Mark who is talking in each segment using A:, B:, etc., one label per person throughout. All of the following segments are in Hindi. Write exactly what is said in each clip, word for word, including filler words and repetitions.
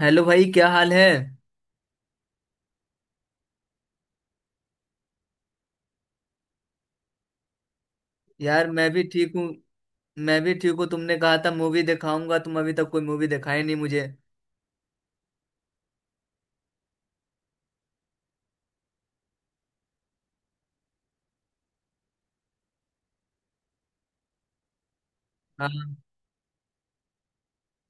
A: हेलो भाई, क्या हाल है? यार मैं भी ठीक हूँ। मैं भी ठीक हूँ, तुमने कहा था मूवी दिखाऊंगा, तुम अभी तक कोई मूवी दिखाई नहीं मुझे। हाँ।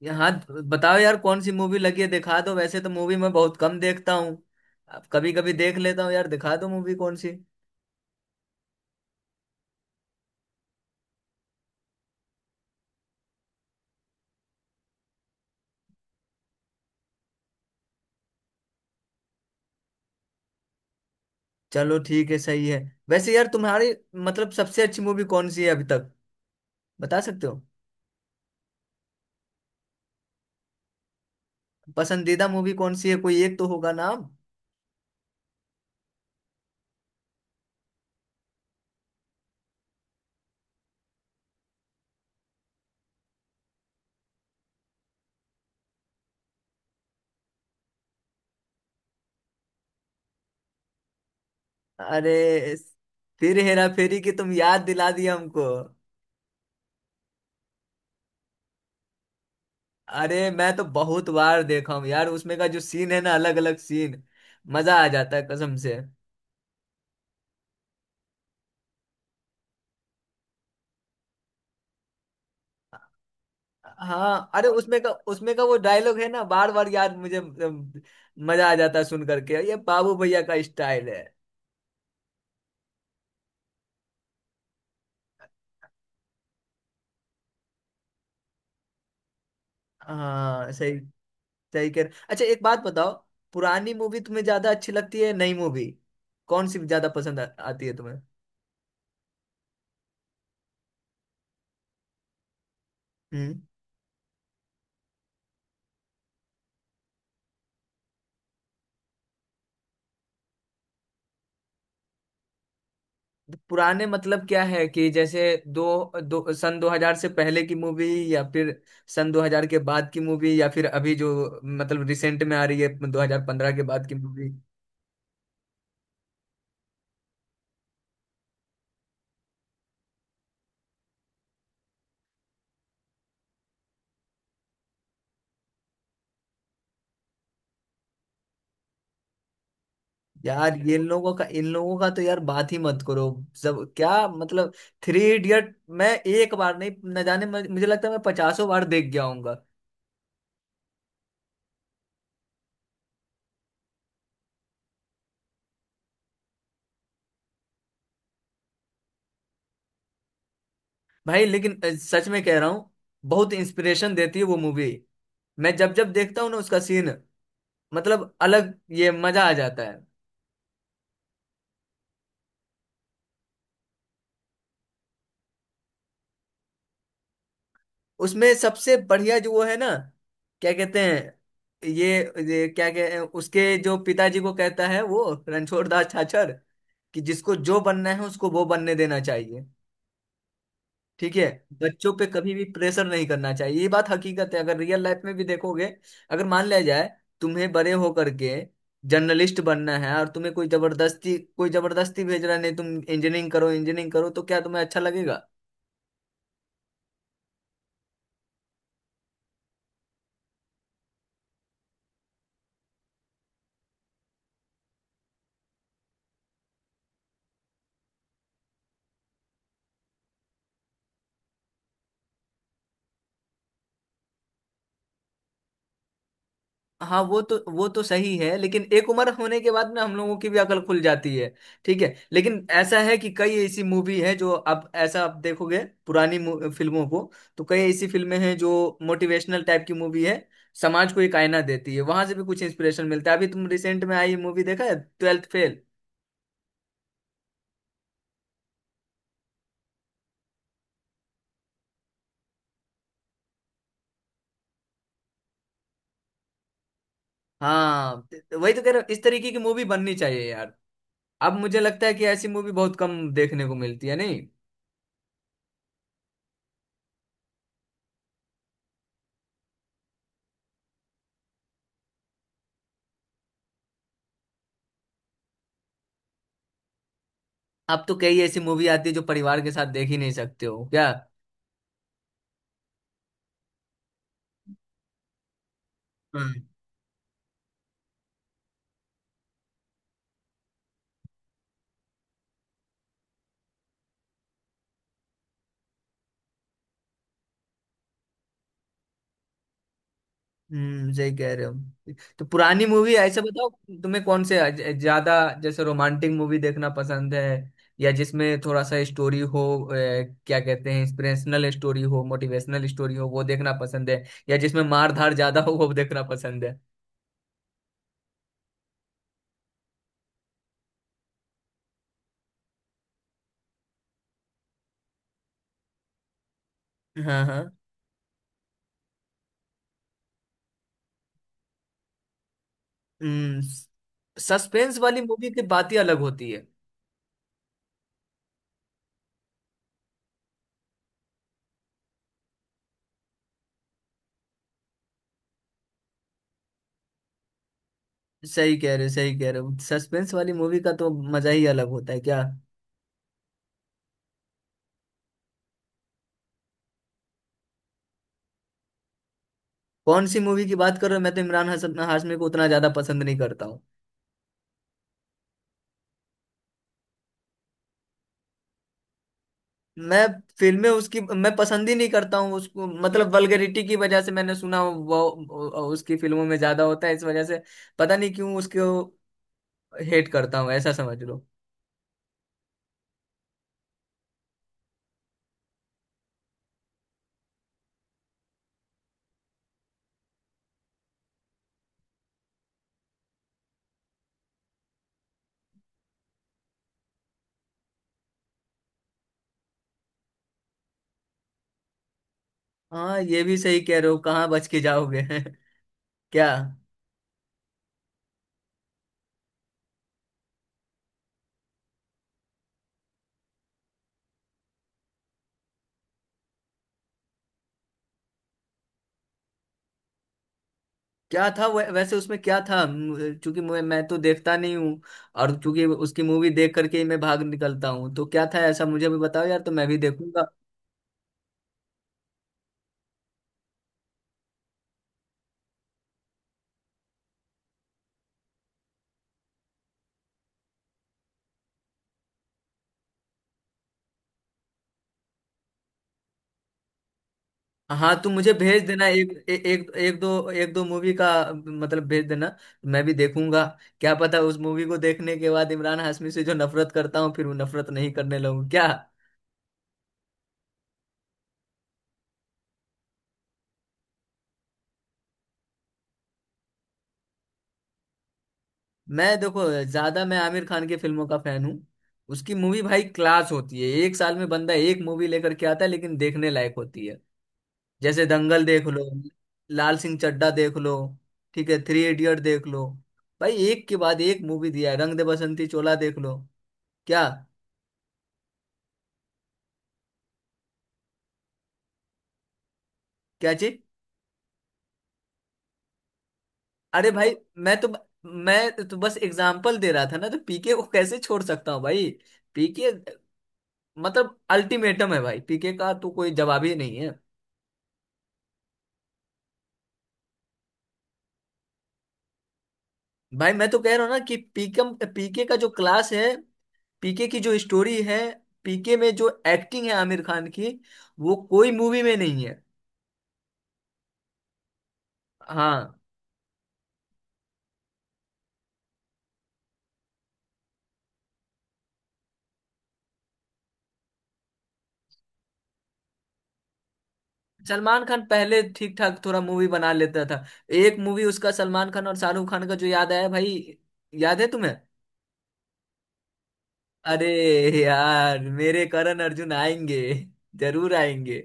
A: यहाँ। बताओ यार, कौन सी मूवी लगी है, दिखा दो। वैसे तो मूवी मैं बहुत कम देखता हूँ, अब कभी कभी देख लेता हूँ। यार दिखा दो मूवी, कौन सी? चलो ठीक है, सही है। वैसे यार तुम्हारी मतलब सबसे अच्छी मूवी कौन सी है अभी तक, बता सकते हो? पसंदीदा मूवी कौन सी है? कोई एक तो होगा नाम। अरे, फिर हेरा फेरी की तुम याद दिला दिया हमको। अरे मैं तो बहुत बार देखा हूँ यार, उसमें का जो सीन है ना, अलग अलग सीन, मजा आ जाता है कसम से। हाँ अरे, उसमें का उसमें का वो डायलॉग है ना, बार बार यार मुझे अम, मजा आ जाता है सुन करके। ये बाबू भैया का स्टाइल है। हाँ सही। सही कह रहे। अच्छा एक बात बताओ, पुरानी मूवी तुम्हें ज्यादा अच्छी लगती है नई मूवी, कौन सी ज्यादा पसंद आ, आती है तुम्हें? हम्म। पुराने मतलब क्या है कि जैसे दो, दो सन दो हज़ार से पहले की मूवी, या फिर सन दो हज़ार के बाद की मूवी, या फिर अभी जो मतलब रिसेंट में आ रही है दो हज़ार पंद्रह के बाद की मूवी। यार ये लोगों का, इन लोगों का तो यार बात ही मत करो। सब क्या मतलब, थ्री इडियट मैं एक बार नहीं, न जाने मैं- मुझे लगता है मैं पचासों बार देख गया हूंगा। भाई लेकिन अ, सच में कह रहा हूँ, बहुत इंस्पिरेशन देती है वो मूवी। मैं जब जब देखता हूँ ना उसका सीन, मतलब अलग, ये मजा आ जाता है। उसमें सबसे बढ़िया जो वो है ना, क्या कहते हैं, ये, ये क्या कहते हैं, उसके जो पिताजी को कहता है वो, रणछोड़ दास छाछर, कि जिसको जो बनना है उसको वो बनने देना चाहिए, ठीक है? बच्चों पे कभी भी प्रेशर नहीं करना चाहिए, ये बात हकीकत है। अगर रियल लाइफ में भी देखोगे, अगर मान लिया जाए तुम्हें बड़े होकर के जर्नलिस्ट बनना है, और तुम्हें कोई जबरदस्ती, कोई जबरदस्ती भेज रहा है नहीं तुम इंजीनियरिंग करो, इंजीनियरिंग करो, तो क्या तुम्हें अच्छा लगेगा? हाँ वो तो, वो तो सही है, लेकिन एक उम्र होने के बाद में हम लोगों की भी अकल खुल जाती है। ठीक है, लेकिन ऐसा है कि कई ऐसी मूवी है जो आप ऐसा आप देखोगे, पुरानी मू- फिल्मों को, तो कई ऐसी फिल्में हैं जो मोटिवेशनल टाइप की मूवी है, समाज को एक आईना देती है, वहां से भी कुछ इंस्पिरेशन मिलता है। अभी तुम रिसेंट में आई मूवी देखा है, ट्वेल्थ फेल? हाँ तो वही तो कह रहा हूँ, इस तरीके की मूवी बननी चाहिए यार। अब मुझे लगता है कि ऐसी मूवी बहुत कम देखने को मिलती है, नहीं? अब तो कई ऐसी मूवी आती है जो परिवार के साथ देख ही नहीं सकते हो क्या। हम्म सही कह रहे हो। तो पुरानी मूवी ऐसे बताओ, तुम्हें कौन से ज- ज्यादा जैसे रोमांटिक मूवी देखना पसंद है, या जिसमें थोड़ा सा स्टोरी हो, अ, क्या कहते हैं, इंस्पिरेशनल स्टोरी हो, मोटिवेशनल स्टोरी हो, वो देखना पसंद है, या जिसमें मार धार ज्यादा हो वो देखना पसंद है? हाँ हाँ। हम्म। सस्पेंस वाली मूवी की बात ही अलग होती है। सही कह रहे हो, सही कह रहे हो, सस्पेंस वाली मूवी का तो मजा ही अलग होता है क्या। कौन सी मूवी की बात कर रहे हो? मैं तो इमरान हसन हाशमी को उतना ज्यादा पसंद नहीं करता। मैं फिल्में उसकी मैं पसंद ही नहीं करता हूँ उसको, मतलब वल्गैरिटी की वजह से, मैंने सुना वो वो- उसकी फिल्मों में ज्यादा होता है, इस वजह से पता नहीं क्यों उसको हेट करता हूँ, ऐसा समझ लो। हाँ ये भी सही कह रहे हो, कहाँ बच के जाओगे क्या। क्या था वै, वैसे उसमें क्या था म- चूंकि मैं, मैं तो देखता नहीं हूँ, और चूंकि उसकी मूवी देख करके ही मैं भाग निकलता हूँ, तो क्या था ऐसा मुझे भी बताओ यार, तो मैं भी देखूंगा। हाँ तुम मुझे भेज देना, एक ए, एक एक दो एक दो मूवी का, मतलब भेज देना, मैं भी देखूंगा। क्या पता उस मूवी को देखने के बाद इमरान हाशमी से जो नफरत करता हूँ फिर वो नफरत नहीं करने लगूँ क्या। मैं देखो, ज्यादा मैं आमिर खान की फिल्मों का फैन हूँ। उसकी मूवी भाई क्लास होती है, एक साल में बंदा एक मूवी लेकर के आता है, लेकिन देखने लायक होती है। जैसे दंगल देख लो, लाल सिंह चड्ढा देख लो, ठीक है, थ्री इडियट देख लो, भाई एक के बाद एक मूवी दिया है, रंग दे बसंती चोला देख लो। क्या? क्या चीज? अरे भाई मैं तो मैं तो बस एग्जाम्पल दे रहा था ना, तो पीके को कैसे छोड़ सकता हूँ भाई। पीके मतलब अल्टीमेटम है भाई, पीके का तो कोई जवाब ही नहीं है। भाई मैं तो कह रहा हूँ ना कि पीकम पीके का जो क्लास है, पीके की जो स्टोरी है, पीके में जो एक्टिंग है आमिर खान की, वो कोई मूवी में नहीं है। हाँ। सलमान खान पहले ठीक ठाक थोड़ा मूवी बना लेता था। एक मूवी उसका, सलमान खान और शाहरुख खान का, जो याद आया भाई, याद है तुम्हें? अरे यार, मेरे करण अर्जुन आएंगे, जरूर आएंगे।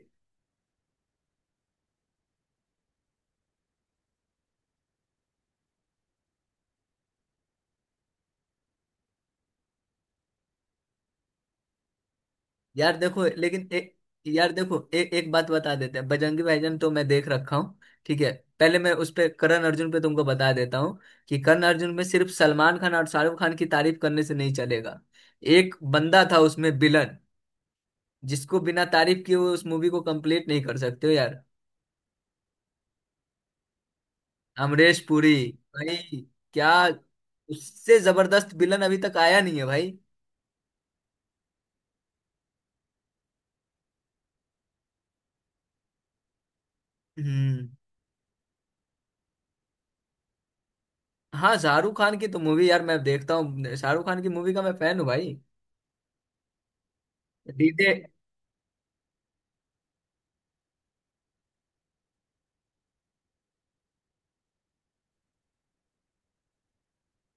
A: यार देखो लेकिन एक, यार देखो एक एक बात बता देते हैं, बजरंगी भाईजान तो मैं देख रखा हूँ ठीक है। पहले मैं उस पे, करण अर्जुन पे तुमको बता देता हूँ, कि करण अर्जुन में सिर्फ सलमान खान और शाहरुख खान की तारीफ करने से नहीं चलेगा, एक बंदा था उसमें विलन, जिसको बिना तारीफ किए हुए उस मूवी को कंप्लीट नहीं कर सकते हो यार। अमरीश पुरी भाई। क्या? उससे जबरदस्त विलन अभी तक आया नहीं है भाई। हम्म। हाँ शाहरुख खान की तो मूवी यार मैं देखता हूँ, शाहरुख खान की मूवी का मैं फैन हूँ भाई। D J.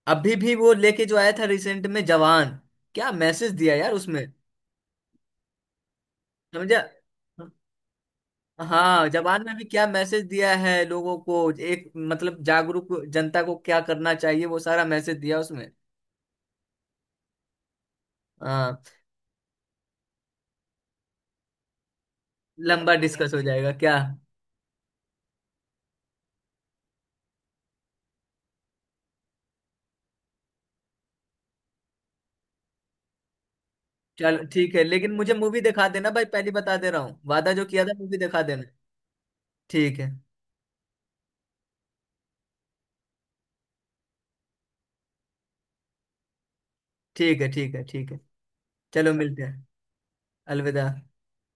A: अभी भी वो लेके जो आया था रिसेंट में, जवान, क्या मैसेज दिया यार उसमें। समझा। हाँ जवान में भी क्या मैसेज दिया है लोगों को, एक मतलब जागरूक जनता को क्या करना चाहिए, वो सारा मैसेज दिया उसमें। हाँ। लंबा डिस्कस हो जाएगा क्या। चलो ठीक है, लेकिन मुझे मूवी दिखा देना भाई, पहले बता दे रहा हूँ, वादा जो किया था मूवी दिखा देना। ठीक है, ठीक है, ठीक है। ठीक है। चलो मिलते हैं। अलविदा।